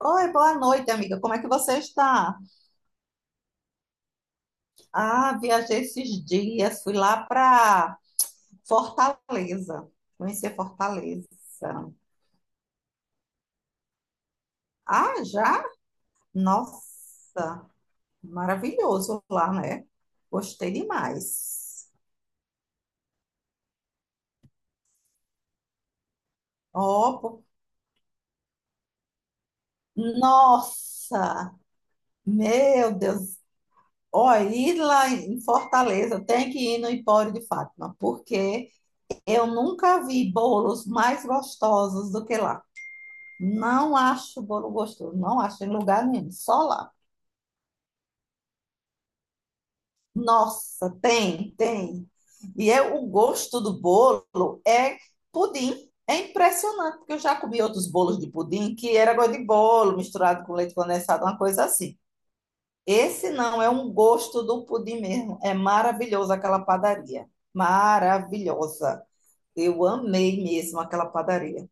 Oi, boa noite, amiga. Como é que você está? Ah, viajei esses dias, fui lá para Fortaleza, conhecer Fortaleza. Ah, já? Nossa, maravilhoso lá, né? Gostei demais. Ó, nossa, meu Deus. Ó, ir lá em Fortaleza, tem que ir no Empório de Fátima, porque eu nunca vi bolos mais gostosos do que lá. Não acho bolo gostoso, não acho em lugar nenhum, só lá. Nossa, tem. E é o gosto do bolo é pudim. É impressionante, porque eu já comi outros bolos de pudim que era gosto de bolo misturado com leite condensado, uma coisa assim. Esse não, é um gosto do pudim mesmo. É maravilhoso aquela padaria. Maravilhosa. Eu amei mesmo aquela padaria.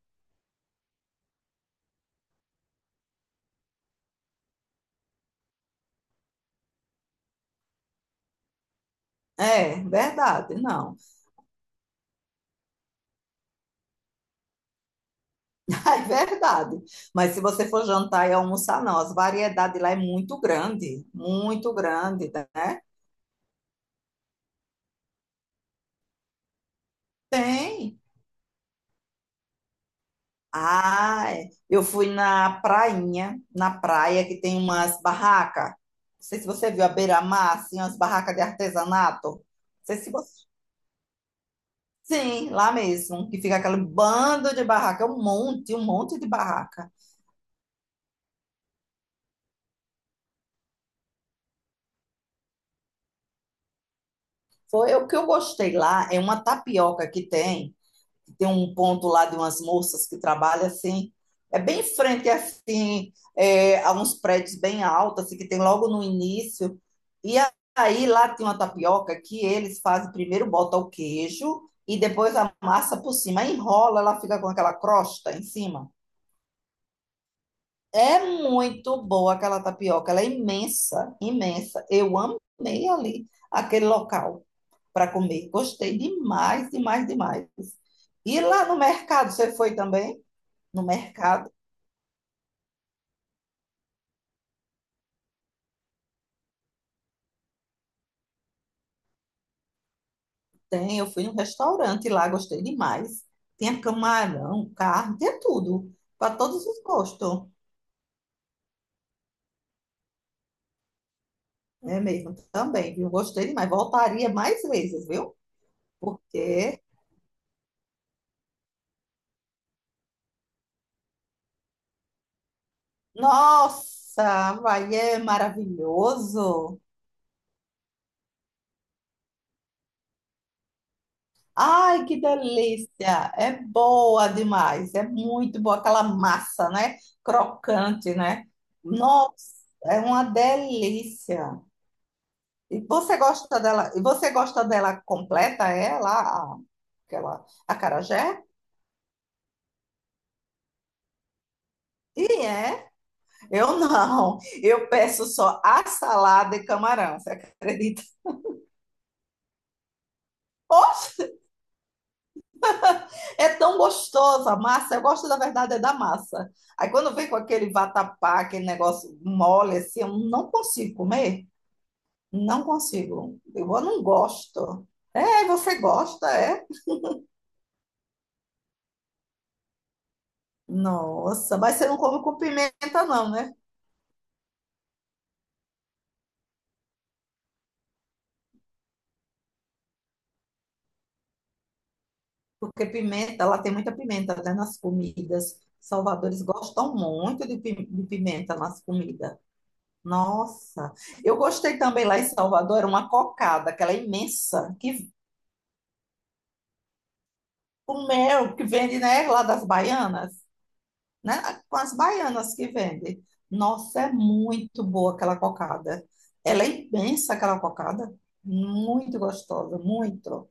É, verdade, não. É verdade. Mas se você for jantar e almoçar, não. As variedades lá é muito grande, né? Tem. Ah, é. Eu fui na prainha, na praia que tem umas barracas. Não sei se você viu a beira-mar, assim, umas barracas de artesanato. Não sei se você... Sim, lá mesmo, que fica aquele bando de barraca, um monte de barraca. Foi o que eu gostei lá, é uma tapioca que tem. Tem um ponto lá de umas moças que trabalham assim, é bem em frente assim, é, a uns prédios bem altos, assim, que tem logo no início. E aí lá tem uma tapioca que eles fazem primeiro, bota o queijo e depois a massa por cima. Aí enrola, ela fica com aquela crosta em cima. É muito boa aquela tapioca, ela é imensa, imensa. Eu amei ali aquele local para comer. Gostei demais, demais, demais. E lá no mercado, você foi também? No mercado tem, eu fui num restaurante lá, gostei demais. Tinha camarão, carne, tinha tudo, para todos os gostos. É mesmo, também, viu? Gostei demais. Voltaria mais vezes, viu? Porque, nossa, vai é maravilhoso. Ai, que delícia! É boa demais, é muito boa aquela massa, né? Crocante, né? Nossa, é uma delícia. E você gosta dela? E você gosta dela completa, ela, aquela acarajé? E é? Eu não. Eu peço só a salada e camarão. Você acredita? Oxe, é tão gostoso a massa. Eu gosto da verdade é da massa. Aí quando vem com aquele vatapá, aquele negócio mole assim, eu não consigo comer. Não consigo. Eu não gosto. É, você gosta, é? Nossa, mas você não come com pimenta, não, né? Porque pimenta, ela tem muita pimenta, né, nas comidas. Salvadores gostam muito de de pimenta nas comidas. Nossa! Eu gostei também lá em Salvador, era uma cocada, aquela imensa, que o mel que vende, né, lá das baianas, né? Com as baianas que vende. Nossa, é muito boa aquela cocada. Ela é imensa, aquela cocada. Muito gostosa, muito.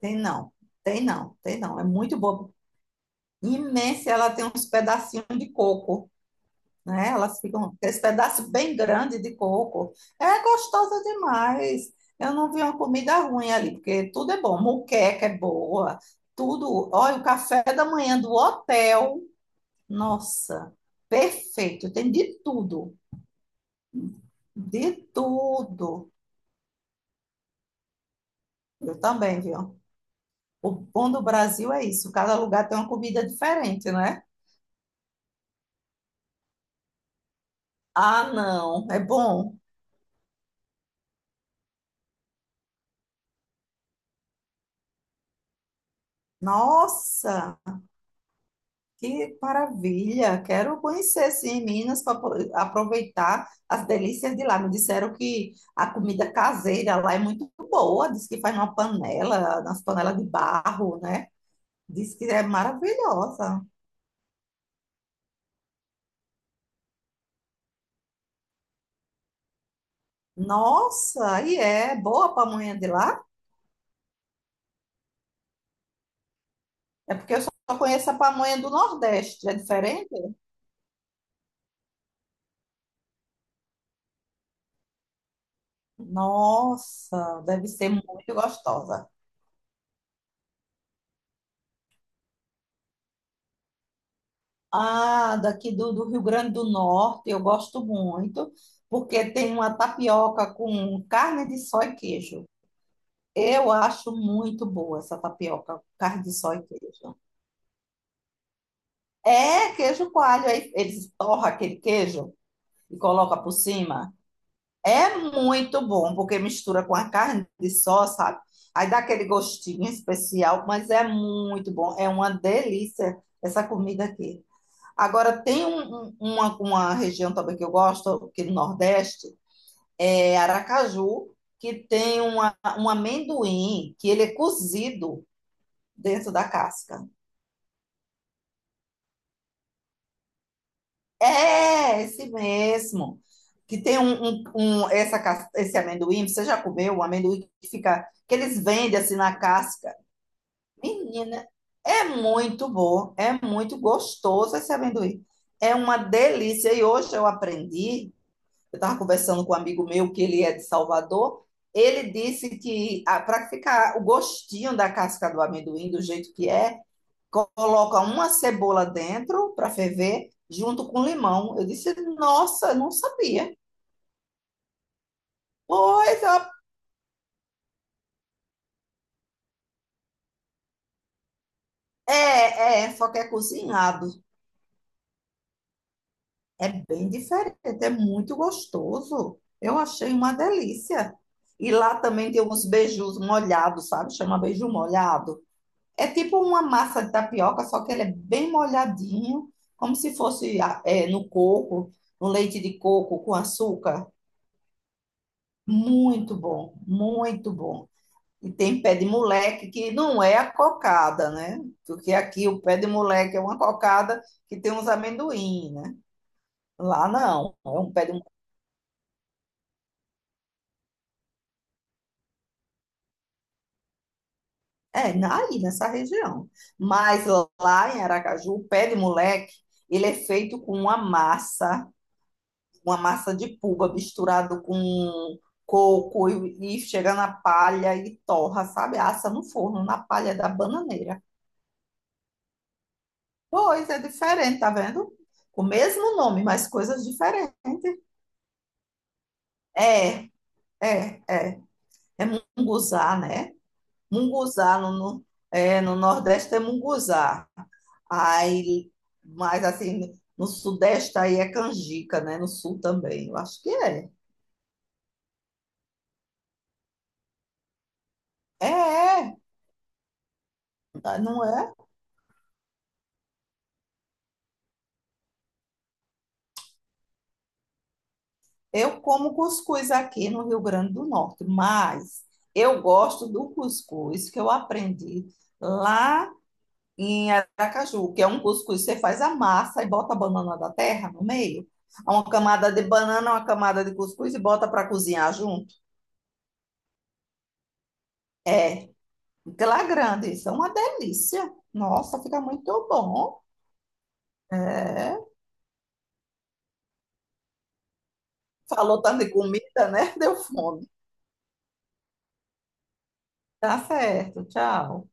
Tem não, tem não. É muito boa. Imensa, ela tem uns pedacinhos de coco. Né? Elas ficam com esse pedaço bem grande de coco. É gostosa demais. Eu não vi uma comida ruim ali, porque tudo é bom. Moqueca é boa, tudo. Olha, o café da manhã do hotel, nossa, perfeito. Tem de tudo, de tudo. Eu também, viu? O bom do Brasil é isso. Cada lugar tem uma comida diferente, né? Ah, não, é bom. Nossa. Que maravilha! Quero conhecer sim Minas para aproveitar as delícias de lá. Me disseram que a comida caseira lá é muito boa. Diz que faz numa panela, nas panelas de barro, né? Diz que é maravilhosa. Nossa, e é boa a pamonha de lá? É porque eu só conheço a pamonha do Nordeste. É diferente? Nossa, deve ser muito gostosa. Ah, daqui do, do Rio Grande do Norte, eu gosto muito, porque tem uma tapioca com carne de só e queijo. Eu acho muito boa essa tapioca, carne de só e queijo. É queijo coalho, aí eles torram aquele queijo e colocam por cima. É muito bom, porque mistura com a carne de só, sabe? Aí dá aquele gostinho especial, mas é muito bom. É uma delícia essa comida aqui. Agora, tem uma região também que eu gosto, que no Nordeste, é Aracaju, que tem uma, um amendoim que ele é cozido dentro da casca. É, esse mesmo. Que tem esse amendoim, você já comeu? Um amendoim que fica, que eles vendem assim na casca. Menina, é muito bom, é muito gostoso esse amendoim. É uma delícia. E hoje eu aprendi. Eu estava conversando com um amigo meu, que ele é de Salvador. Ele disse que para ficar o gostinho da casca do amendoim do jeito que é, coloca uma cebola dentro para ferver, junto com limão. Eu disse, nossa, não sabia. Pois é, é, só que é cozinhado. É bem diferente, é muito gostoso. Eu achei uma delícia. E lá também tem uns beijos molhados, sabe? Chama beijo molhado. É tipo uma massa de tapioca, só que ela é bem molhadinho, como se fosse ah, é, no coco, no leite de coco com açúcar. Muito bom, muito bom. E tem pé de moleque, que não é a cocada, né? Porque aqui o pé de moleque é uma cocada que tem uns amendoim, né? Lá não, é um pé de moleque. É, na- aí nessa região. Mas lá em Aracaju, o pé de moleque, ele é feito com uma massa de puba misturado com coco e chega na palha e torra, sabe? Assa no forno, na palha da bananeira. Pois, é diferente, tá vendo? O mesmo nome, mas coisas diferentes. É, é, é. É munguzá, né? Munguzá é, no Nordeste é munguzá. Aí, mas assim, no Sudeste aí é canjica, né? No Sul também, eu acho que é. É, é. Não é. Eu como cuscuz aqui no Rio Grande do Norte, mas eu gosto do cuscuz que eu aprendi lá em Aracaju, que é um cuscuz que você faz a massa e bota a banana da terra no meio. É uma camada de banana, uma camada de cuscuz e bota para cozinhar junto. É, porque lá é grande, isso é uma delícia. Nossa, fica muito bom. É. Falou tanto de comida, né? Deu fome. Tá certo, tchau.